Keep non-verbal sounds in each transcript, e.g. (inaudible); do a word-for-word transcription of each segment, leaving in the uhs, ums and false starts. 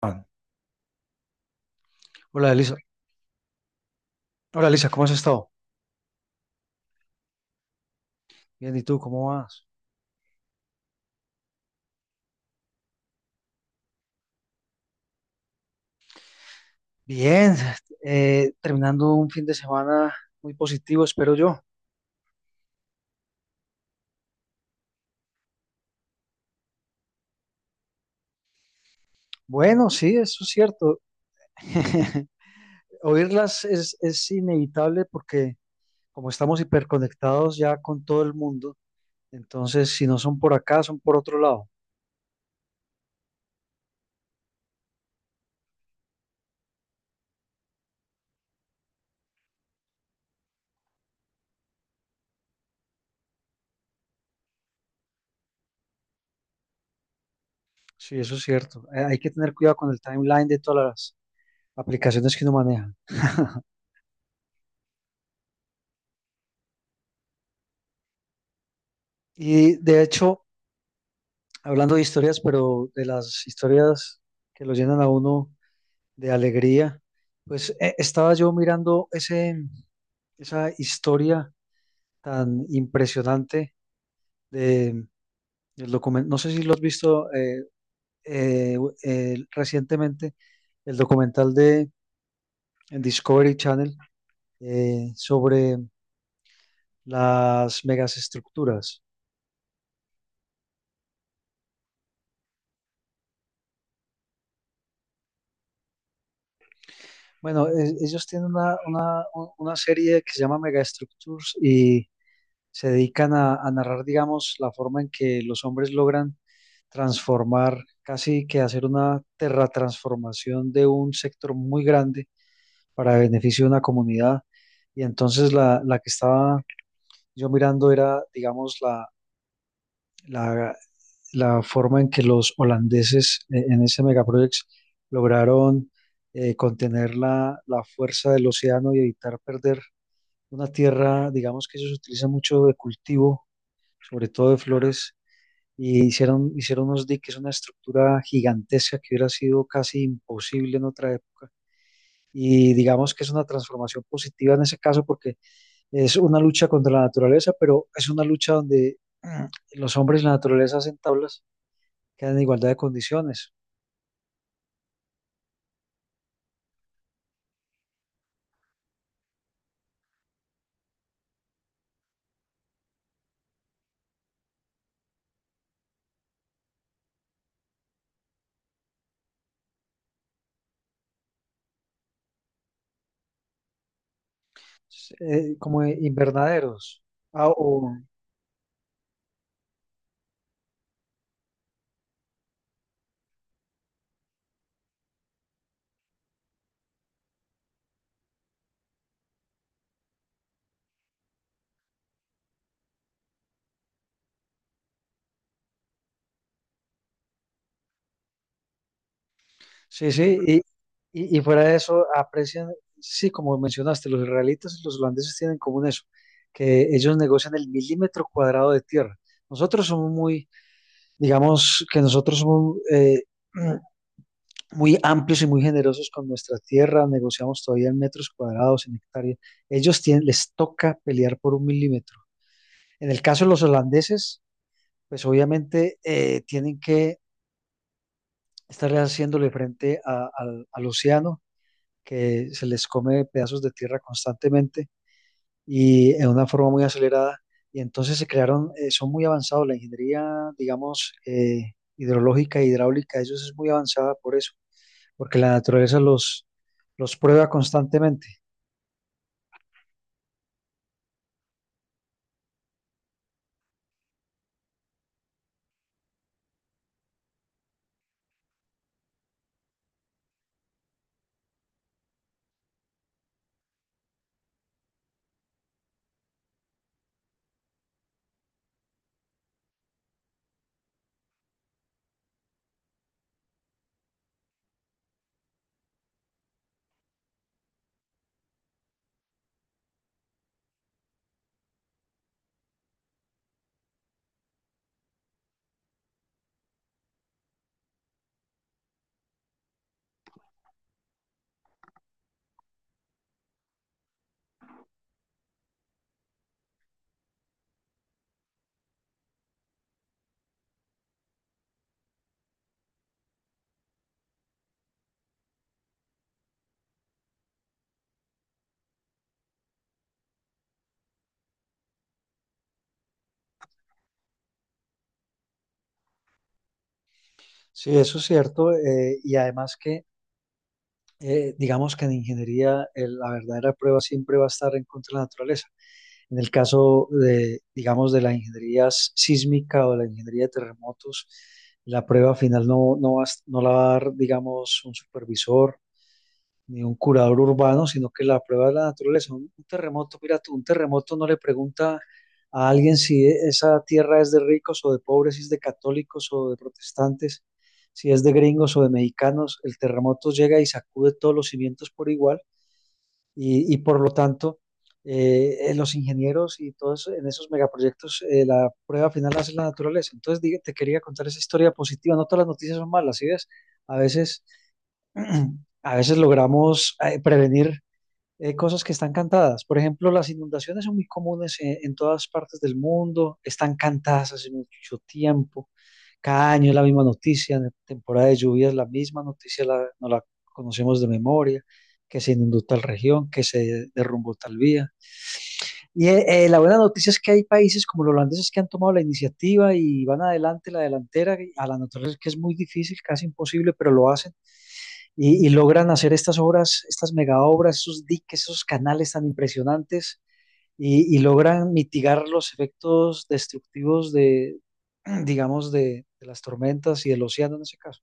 Juan. Hola, Elisa. Hola, Elisa, ¿cómo has estado? Bien, ¿y tú cómo vas? Bien, eh, terminando un fin de semana muy positivo, espero yo. Bueno, sí, eso es cierto. (laughs) Oírlas es, es inevitable porque como estamos hiperconectados ya con todo el mundo, entonces si no son por acá, son por otro lado. Sí, eso es cierto. Eh, hay que tener cuidado con el timeline de todas las aplicaciones que uno maneja. Y de hecho, hablando de historias, pero de las historias que lo llenan a uno de alegría. Pues eh, estaba yo mirando ese, esa historia tan impresionante de, del documental, no sé si lo has visto eh, eh, eh, recientemente, el documental de en Discovery Channel eh, sobre las megaestructuras. Bueno, e- ellos tienen una, una, una serie que se llama Megastructures y se dedican a, a narrar, digamos, la forma en que los hombres logran transformar, casi que hacer una terratransformación de un sector muy grande para beneficio de una comunidad. Y entonces la, la que estaba yo mirando era, digamos, la, la, la forma en que los holandeses eh, en ese megaproyecto lograron eh, contener la, la fuerza del océano y evitar perder una tierra, digamos, que ellos utilizan mucho de cultivo, sobre todo de flores. Y hicieron, hicieron unos diques, una estructura gigantesca que hubiera sido casi imposible en otra época. Y digamos que es una transformación positiva en ese caso porque es una lucha contra la naturaleza, pero es una lucha donde mm, los hombres y la naturaleza hacen tablas que dan en igualdad de condiciones. Eh, como invernaderos. Ah, o- sí, sí, y, y, y fuera de eso, aprecian, sí, como mencionaste, los israelitas y los holandeses tienen en común eso, que ellos negocian el milímetro cuadrado de tierra. Nosotros somos muy, digamos que nosotros somos eh, (clears throat) muy amplios y muy generosos con nuestra tierra, negociamos todavía en metros cuadrados, en hectáreas. Ellos tienen, les toca pelear por un milímetro. En el caso de los holandeses, pues obviamente eh, tienen que estarle haciéndole frente a- al al océano que se les come pedazos de tierra constantemente y en una forma muy acelerada. Y entonces se crearon, eh, son muy avanzados, la ingeniería, digamos, eh, hidrológica e hidráulica, ellos es muy avanzada por eso, porque la naturaleza los, los prueba constantemente. Sí, eso es cierto. Eh, y además que, eh, digamos que en ingeniería eh, la verdadera prueba siempre va a estar en contra de la naturaleza. En el caso de, digamos, de la ingeniería s- sísmica o la ingeniería de terremotos, la prueba final no, no, va a- est- no la va a dar, digamos, un supervisor ni un curador urbano, sino que la prueba de la naturaleza. Un, un terremoto, mira tú, un terremoto no le pregunta a alguien si e- esa tierra es de ricos o de pobres, si es de católicos o de protestantes, si es de gringos o de mexicanos. El terremoto llega y sacude todos los cimientos por igual y, y por lo tanto, eh, eh, los ingenieros y todos en esos megaproyectos, eh, la prueba final la hace la naturaleza. Entonces, diga- te quería contar esa historia positiva. No todas las noticias son malas, ¿sí ves? A veces, (clears throat) a veces logramos eh, prevenir eh, cosas que están cantadas. Por ejemplo, las inundaciones son muy comunes en, en todas partes del mundo, están cantadas hace mucho tiempo, cada año es la misma noticia, en temporada de lluvias la misma noticia, la, no la conocemos de memoria, que se inundó tal región, que se derrumbó tal vía. Y eh, eh, la buena noticia es que hay países como los holandeses que han tomado la iniciativa y van adelante, la delantera, a la naturaleza que es muy difícil, casi imposible, pero lo hacen y, y logran hacer estas obras, estas mega obras, esos diques, esos canales tan impresionantes y, y logran mitigar los efectos destructivos de, (clears throat) digamos, de, de las tormentas y del océano en ese caso.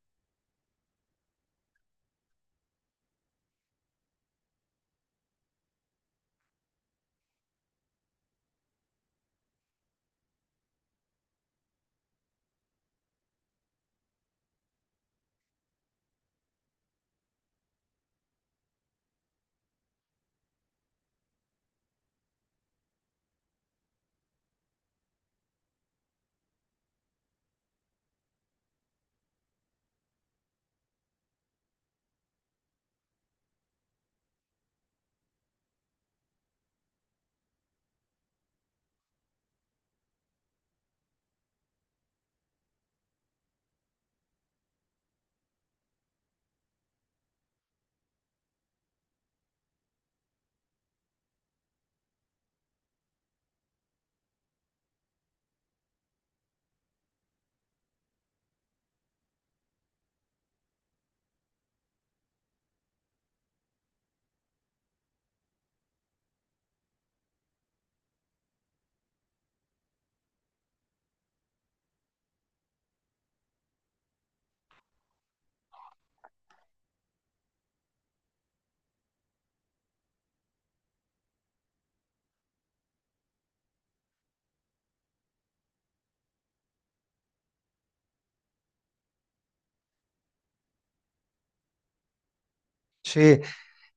Sí,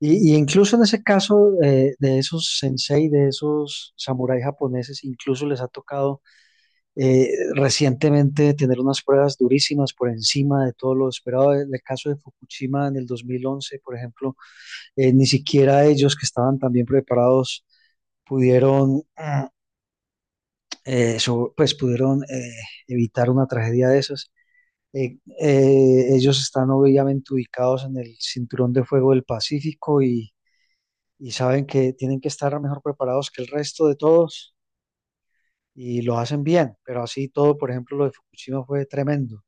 y, y incluso en ese caso eh, de esos sensei, de esos samuráis japoneses, incluso les ha tocado eh, recientemente tener unas pruebas durísimas por encima de todo lo esperado. En el caso de Fukushima en el dos mil once, por ejemplo, eh, ni siquiera ellos que estaban tan bien preparados pudieron, mm, eh, so- pues pudieron eh, evitar una tragedia de esas. Eh, eh, ellos están obviamente ubicados en el cinturón de fuego del Pacífico y, y saben que tienen que estar mejor preparados que el resto de todos y lo hacen bien, pero así todo, por ejemplo, lo de Fukushima fue tremendo.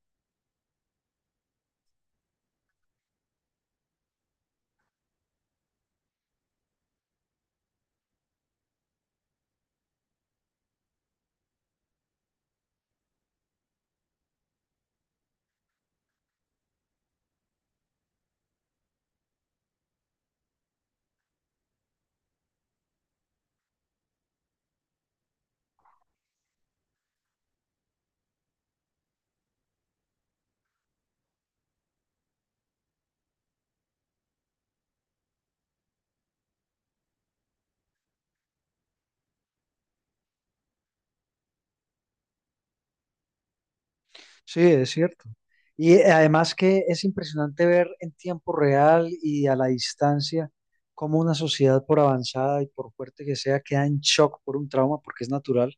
Sí, es cierto. Y eh, además que es impresionante ver en tiempo real y a la distancia cómo una sociedad, por avanzada y por fuerte que sea, queda en shock por un trauma, porque es natural.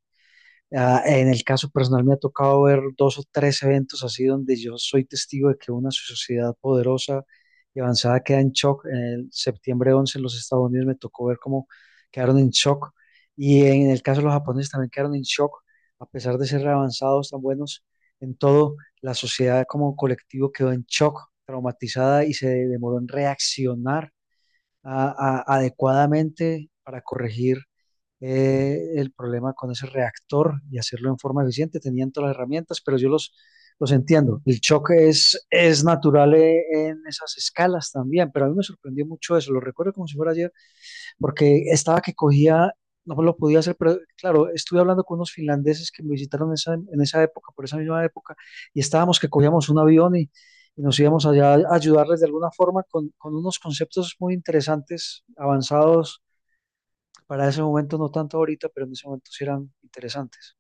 Ah, en el caso personal me ha tocado ver dos o tres eventos así donde yo soy testigo de que una sociedad poderosa y avanzada queda en shock. En el septiembre once en los Estados Unidos me tocó ver cómo quedaron en shock y en el caso de los japoneses también quedaron en shock, a pesar de ser avanzados, tan buenos en todo, la sociedad como colectivo quedó en shock, traumatizada y se demoró en reaccionar a- a- adecuadamente para corregir eh, el problema con ese reactor y hacerlo en forma eficiente. Tenían todas las herramientas, pero yo los, los entiendo. El choque es, es natural eh, en esas escalas también, pero a mí me sorprendió mucho eso. Lo recuerdo como si fuera ayer porque estaba que cogía, no lo podía hacer, pero claro, estuve hablando con unos finlandeses que me visitaron esa- en esa época, por esa misma época, y estábamos que cogíamos un avión y, y nos íbamos allá a ayudarles de alguna forma con, con unos conceptos muy interesantes, avanzados para ese momento, no tanto ahorita, pero en ese momento sí eran interesantes.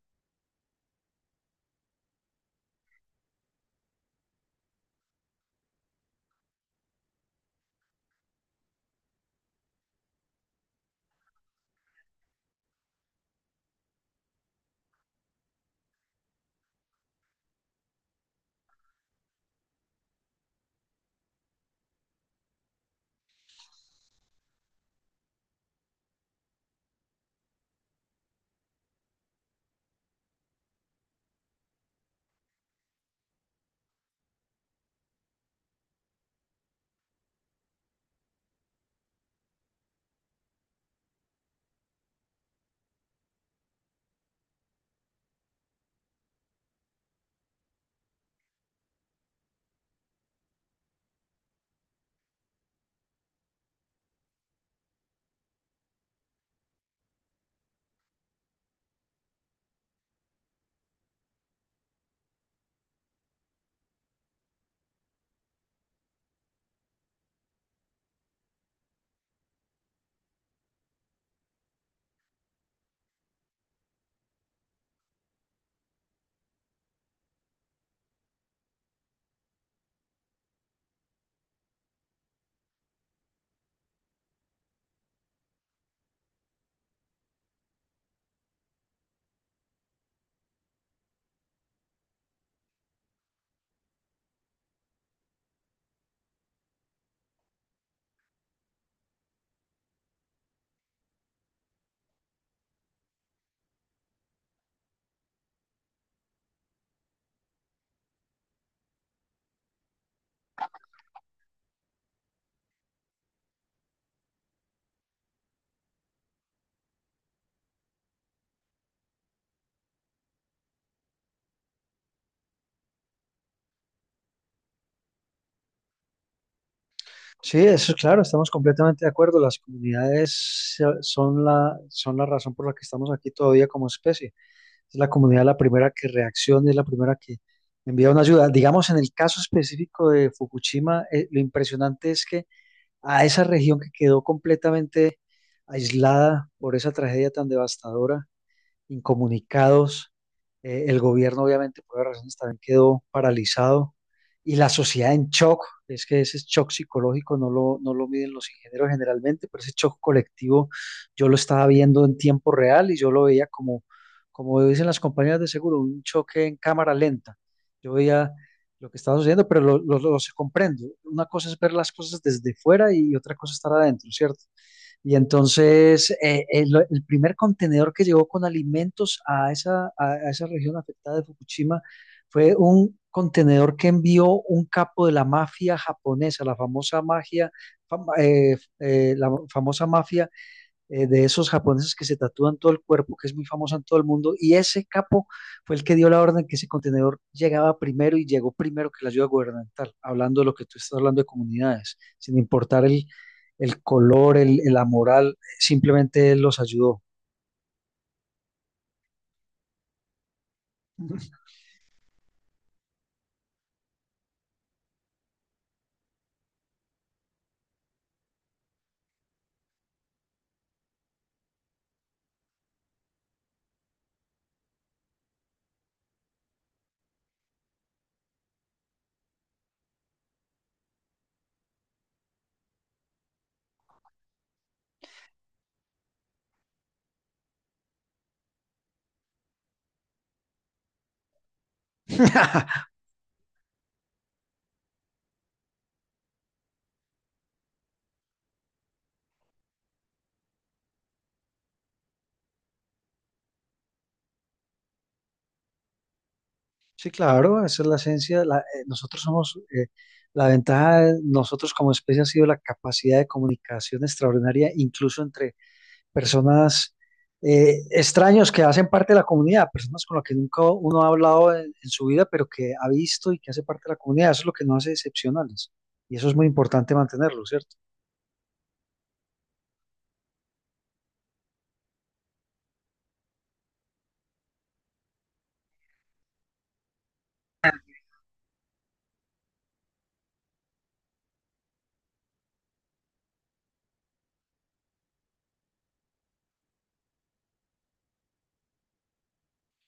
Sí, eso es claro, estamos completamente de acuerdo. Las comunidades eh, son la, son la razón por la que estamos aquí todavía como especie. Es la comunidad la primera que reacciona, es la primera que envía una ayuda. Digamos, en el caso específico de Fukushima, eh, lo impresionante es que a esa región que quedó completamente aislada por esa tragedia tan devastadora, incomunicados. Eh, el gobierno, obviamente, por varias razones, también quedó paralizado y la sociedad en shock. Es que ese shock psicológico no lo, no lo miden los ingenieros generalmente, pero ese shock colectivo yo lo estaba viendo en tiempo real y yo lo veía como, como dicen las compañías de seguro, un choque en cámara lenta. Yo veía lo que estaba sucediendo, pero lo, lo, lo comprendo. Una cosa es ver las cosas desde fuera y otra cosa estar adentro, ¿cierto? Y entonces eh, el, el primer contenedor que llegó con alimentos a esa, a a esa región afectada de Fukushima fue un contenedor que envió un capo de la mafia japonesa, la famosa magia, fam- eh, eh, la famosa mafia eh, de esos japoneses que se tatúan todo el cuerpo, que es muy famosa en todo el mundo, y ese capo fue el que dio la orden que ese contenedor llegaba primero y llegó primero que la ayuda gubernamental, hablando de lo que tú estás hablando de comunidades, sin importar el, el color, el, la moral, simplemente él los ayudó. (laughs) Sí, claro, esa es la esencia. La- eh, nosotros somos, eh, la ventaja de nosotros como especie ha sido la capacidad de comunicación extraordinaria, incluso entre personas eh, extraños que hacen parte de la comunidad, personas con las que nunca uno ha hablado en, en su vida, pero que ha visto y que hace parte de la comunidad. Eso es lo que nos hace excepcionales. Y eso es muy importante mantenerlo, ¿cierto?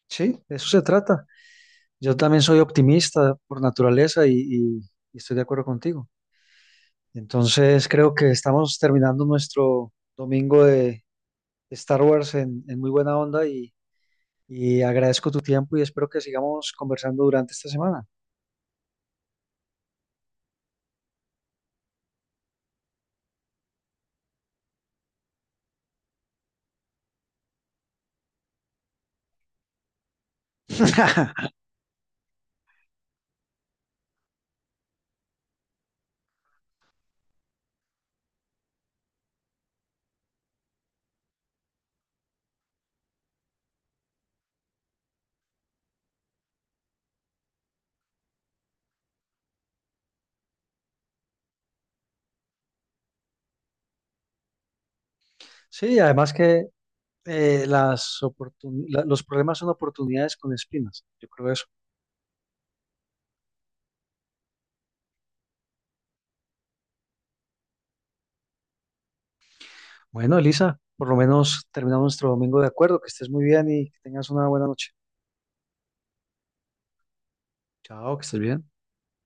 Sí, de eso se trata. Yo también soy optimista por naturaleza y, y- y estoy de acuerdo contigo. Entonces creo que estamos terminando nuestro domingo de Star Wars en, en muy buena onda y, y agradezco tu tiempo y espero que sigamos conversando durante esta semana. (laughs) Sí, además que eh, las oportun- la- los problemas son oportunidades con espinas. Yo creo eso. Bueno, Elisa, por lo menos terminamos nuestro domingo de acuerdo. Que estés muy bien y que tengas una buena noche. Chao, que estés bien.